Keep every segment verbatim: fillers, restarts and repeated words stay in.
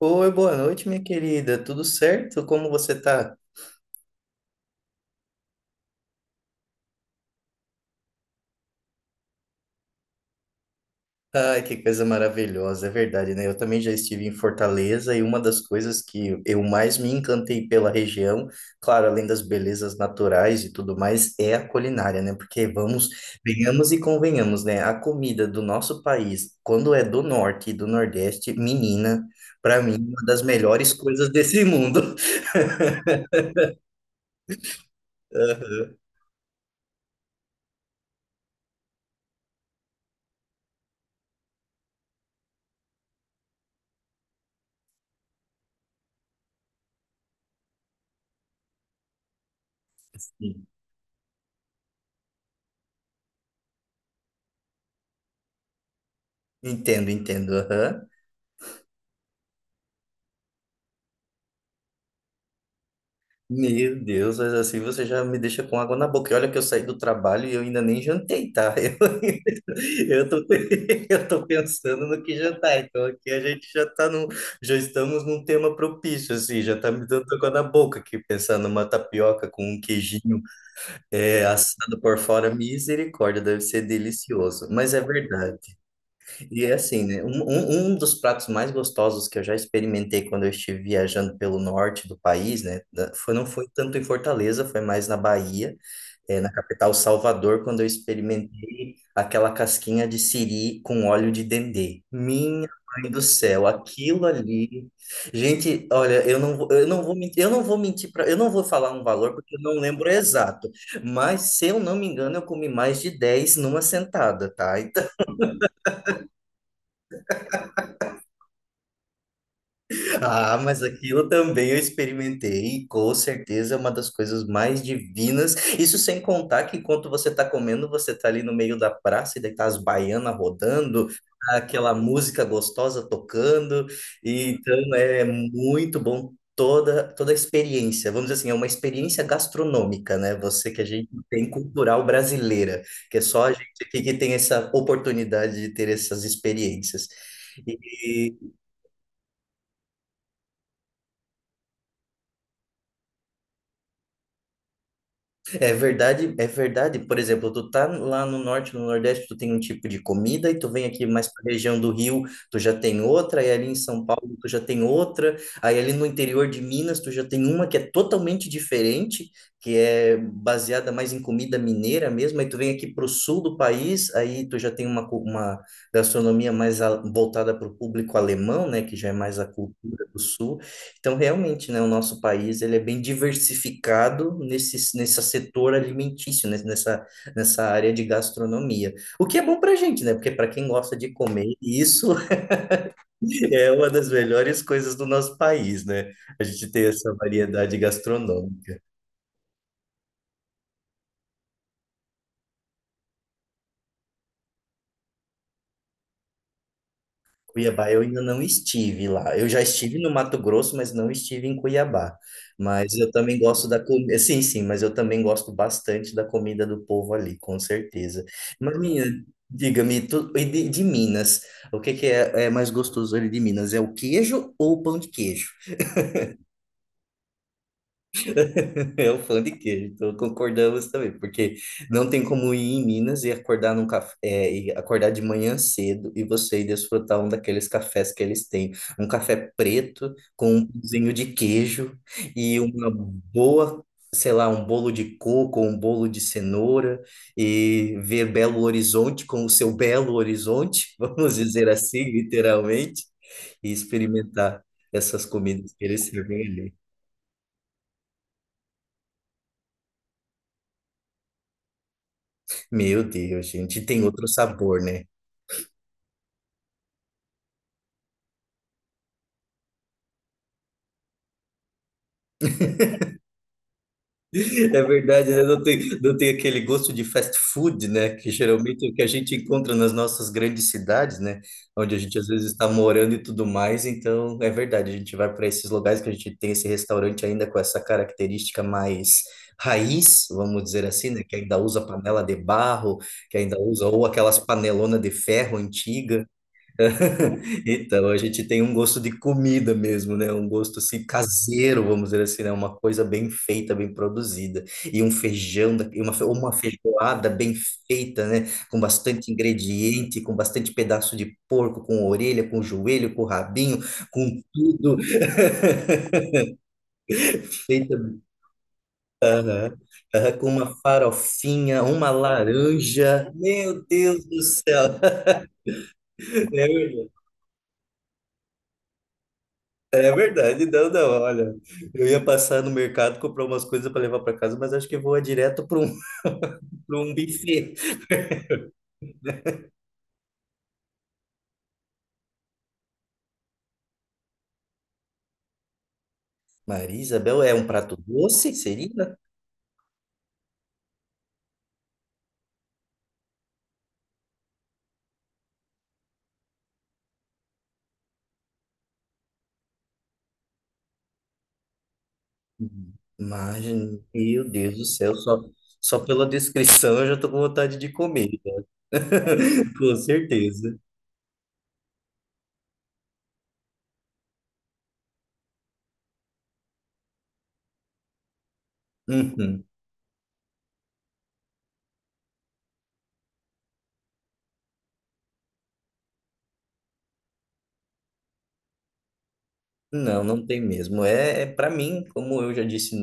Oi, boa noite, minha querida. Tudo certo? Como você tá? Ai, que coisa maravilhosa, é verdade, né? Eu também já estive em Fortaleza e uma das coisas que eu mais me encantei pela região, claro, além das belezas naturais e tudo mais, é a culinária, né? Porque vamos, venhamos e convenhamos, né? A comida do nosso país, quando é do norte e do nordeste, menina, para mim, é uma das melhores coisas desse mundo. Aham, sim. Entendo, entendo. Aham. Meu Deus, mas assim você já me deixa com água na boca. E olha que eu saí do trabalho e eu ainda nem jantei, tá? Eu, eu tô, eu tô pensando no que jantar. Então aqui a gente já tá num, já estamos num tema propício, assim, já tá me dando água na boca aqui, pensando numa tapioca com um queijinho é, assado por fora. Misericórdia, deve ser delicioso. Mas é verdade. E é assim, né? Um, um, um dos pratos mais gostosos que eu já experimentei quando eu estive viajando pelo norte do país, né? Da- Foi, não foi tanto em Fortaleza, foi mais na Bahia, eh, na capital Salvador, quando eu experimentei aquela casquinha de siri com óleo de dendê. Minha mãe do céu, aquilo ali. Gente, olha, eu não, vou- eu não vou mentir, eu não vou mentir para, eu não vou falar um valor porque eu não lembro exato, mas se eu não me engano, eu comi mais de dez numa sentada, tá? Então, ah, mas aquilo também eu experimentei, e com certeza é uma das coisas mais divinas. Isso sem contar que enquanto você está comendo, você está ali no meio da praça e daí tá as baianas rodando, tá aquela música gostosa tocando. E então é muito bom toda toda a experiência. Vamos dizer assim, é uma experiência gastronômica, né? Você que a gente tem cultural brasileira, que é só a gente aqui que tem essa oportunidade de ter essas experiências. E É verdade, é verdade. Por exemplo, tu tá lá no norte, no nordeste, tu tem um tipo de comida, e tu vem aqui mais para a região do Rio, tu já tem outra, e ali em São Paulo tu já tem outra, aí ali no interior de Minas tu já tem uma que é totalmente diferente, que é baseada mais em comida mineira mesmo, aí tu vem aqui para o sul do país, aí tu já tem uma, cu- uma gastronomia mais a- voltada para o público alemão, né, que já é mais a cultura do sul. Então, realmente, né, o nosso país ele é bem diversificado nesse, nesse setor alimentício, né, nessa, nessa área de gastronomia. O que é bom para a gente, né? Porque para quem gosta de comer, isso é uma das melhores coisas do nosso país, né? A gente tem essa variedade gastronômica. Cuiabá eu ainda não estive lá. Eu já estive no Mato Grosso, mas não estive em Cuiabá. Mas eu também gosto da comida. Sim, sim, mas eu também gosto bastante da comida do povo ali, com certeza. Mas, minha, diga-me, tu... e de, de Minas, o que que é, é mais gostoso ali de Minas? É o queijo ou o pão de queijo? É o fã de queijo, então concordamos também, porque não tem como ir em Minas e acordar num café, é, e acordar de manhã cedo e você ir desfrutar um daqueles cafés que eles têm, um café preto com um pãozinho de queijo e uma boa, sei lá, um bolo de coco, um bolo de cenoura e ver Belo Horizonte com o seu Belo Horizonte, vamos dizer assim, literalmente, e experimentar essas comidas que eles servem ali. Meu Deus, gente, tem outro sabor, né? É verdade, né? Não tem, não tem aquele gosto de fast food, né? Que geralmente é o que a gente encontra nas nossas grandes cidades, né? Onde a gente às vezes está morando e tudo mais. Então, é verdade, a gente vai para esses lugares que a gente tem esse restaurante ainda com essa característica mais raiz, vamos dizer assim, né? Que ainda usa panela de barro, que ainda usa ou aquelas panelonas de ferro antiga. Então, a gente tem um gosto de comida mesmo, né? Um gosto assim caseiro, vamos dizer assim, né? Uma coisa bem feita, bem produzida. E um feijão, da- e uma, fe- uma feijoada bem feita, né? Com bastante ingrediente, com bastante pedaço de porco, com orelha, com joelho, com rabinho, com tudo. Feita, ah, com uma farofinha, uma laranja. Meu Deus do céu! É verdade, não, não, olha, eu ia passar no mercado comprar umas coisas para levar para casa, mas acho que eu vou direto para um, para um buffet. Maria Isabel, é um prato doce, seria? Mas, meu Deus do céu, só, só pela descrição eu já tô com vontade de comer. Com certeza. Uhum. Não, não tem mesmo. É, é para mim, como eu já disse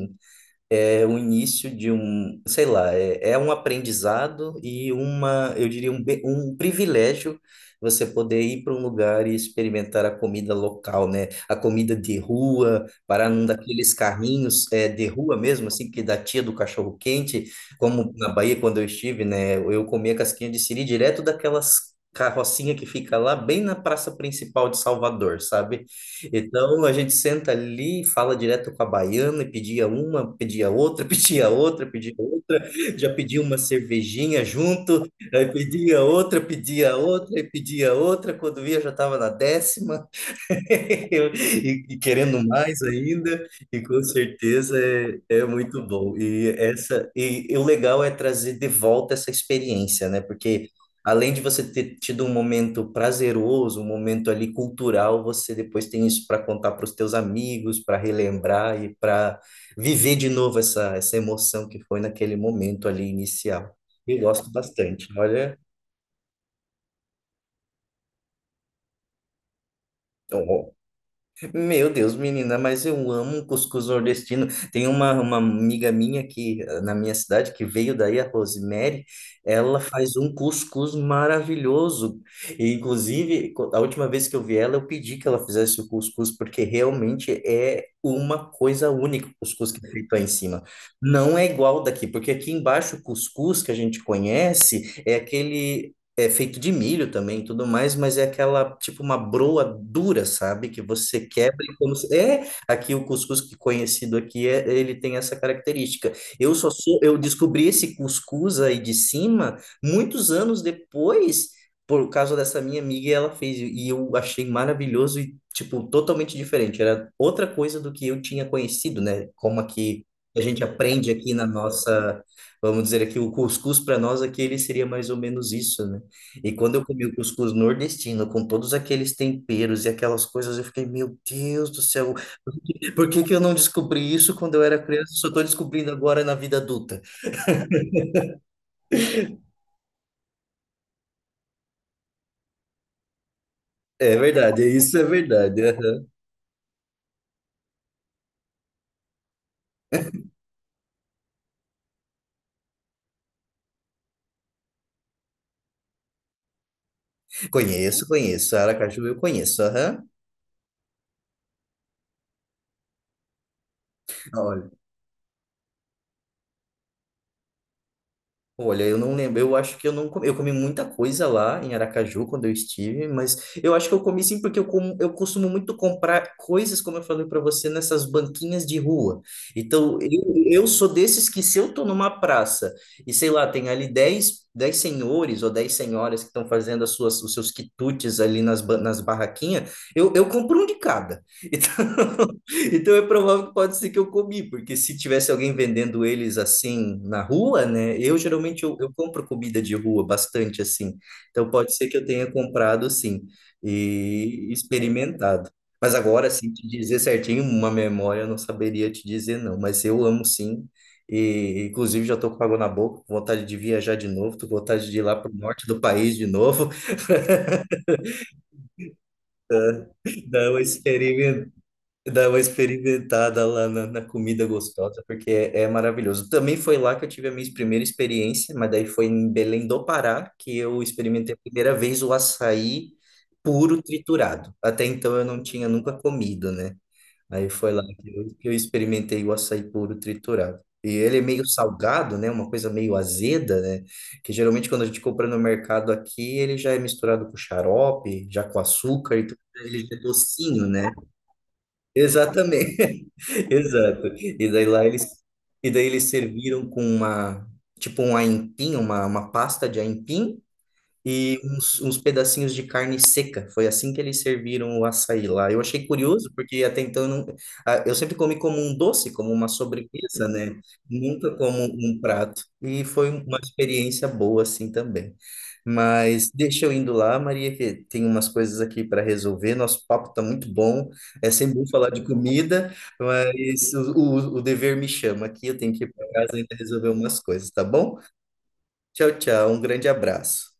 é o início de um, sei lá, é, é um aprendizado e uma, eu diria, um, be- um privilégio você poder ir para um lugar e experimentar a comida local, né? A comida de rua, parar num daqueles carrinhos é, de rua mesmo, assim, que da tia do cachorro-quente, como na Bahia, quando eu estive, né? Eu comia casquinha de siri direto daquelas carrocinha que fica lá bem na praça principal de Salvador, sabe? Então a gente senta ali, fala direto com a baiana, e pedia uma, pedia outra, pedia outra, pedia outra, já pedia uma cervejinha junto, aí pedia outra, pedia outra, e pedia outra, quando via já estava na décima. E, e querendo mais ainda, e com certeza é, é muito bom. E essa e, e o legal é trazer de volta essa experiência, né? Porque além de você ter tido um momento prazeroso, um momento ali cultural, você depois tem isso para contar para os teus amigos, para relembrar e para viver de novo essa, essa emoção que foi naquele momento ali inicial. E gosto bastante. Olha, meu Deus, menina, mas eu amo um cuscuz nordestino. Tem uma, uma amiga minha aqui eh, na minha cidade que veio daí, a Rosemary, ela faz um cuscuz maravilhoso. E, inclusive, co- a última vez que eu vi ela, eu pedi que ela fizesse o cuscuz, porque realmente é uma coisa única o cuscuz que é feito aí em cima. Não é igual daqui, porque aqui embaixo o cuscuz que a gente conhece é aquele é feito de milho também, e tudo mais, mas é aquela, tipo, uma broa dura, sabe? Que você quebra e como se... É, aqui o cuscuz que conhecido aqui, é, ele tem essa característica. Eu só sou, eu descobri esse cuscuz aí de cima muitos anos depois, por causa dessa minha amiga, e ela fez, e eu achei maravilhoso e, tipo, totalmente diferente. Era outra coisa do que eu tinha conhecido, né? Como aqui a gente aprende aqui na nossa, vamos dizer aqui, o cuscuz para nós aqui, ele seria mais ou menos isso, né? E quando eu comi o cuscuz nordestino, com todos aqueles temperos e aquelas coisas, eu fiquei, meu Deus do céu, por que que eu não descobri isso quando eu era criança? Só estou descobrindo agora na vida adulta. É verdade, isso é verdade. Aham. Conheço, conheço. Aracaju eu conheço. Aham. Olha, eu não lembro. Eu acho que eu não comi. Eu comi muita coisa lá em Aracaju quando eu estive, mas eu acho que eu comi sim porque eu, como, eu costumo muito comprar coisas, como eu falei para você, nessas banquinhas de rua. Então, eu, eu, sou desses que se eu tô numa praça e sei lá, tem ali dez dez senhores ou dez senhoras que estão fazendo as suas, os seus quitutes ali nas, ba- nas barraquinhas, eu, eu compro um de cada. Então, então é provável que pode ser que eu comi, porque se tivesse alguém vendendo eles assim na rua, né? Eu geralmente eu, eu compro comida de rua bastante assim. Então pode ser que eu tenha comprado sim e experimentado. Mas agora assim te dizer certinho uma memória eu não saberia te dizer não, mas eu amo sim. E inclusive já estou com água na boca, com vontade de viajar de novo, tô com vontade de ir lá para o norte do país de novo, dar uma experimentada. Dá uma experimentada lá na, na comida gostosa, porque é, é maravilhoso. Também foi lá que eu tive a minha primeira experiência, mas daí foi em Belém do Pará que eu experimentei a primeira vez o açaí puro triturado. Até então eu não tinha nunca comido, né? Aí foi lá que eu, que eu experimentei o açaí puro triturado. E ele é meio salgado, né? Uma coisa meio azeda, né? Que geralmente quando a gente compra no mercado aqui, ele já é misturado com xarope, já com açúcar, então ele já é docinho, né? Exatamente. Exato. E daí lá eles, e daí eles serviram com uma, tipo um aipim, uma, uma pasta de aipim, e uns, uns pedacinhos de carne seca. Foi assim que eles serviram o açaí lá. Eu achei curioso, porque até então eu, não, ah, eu sempre comi como um doce, como uma sobremesa, né? Nunca como um prato. E foi uma experiência boa assim também. Mas deixa eu indo lá, Maria, que tem umas coisas aqui para resolver. Nosso papo tá muito bom. É sempre bom falar de comida, mas o, o, o dever me chama aqui. Eu tenho que ir para casa ainda resolver umas coisas, tá bom? Tchau, tchau. Um grande abraço.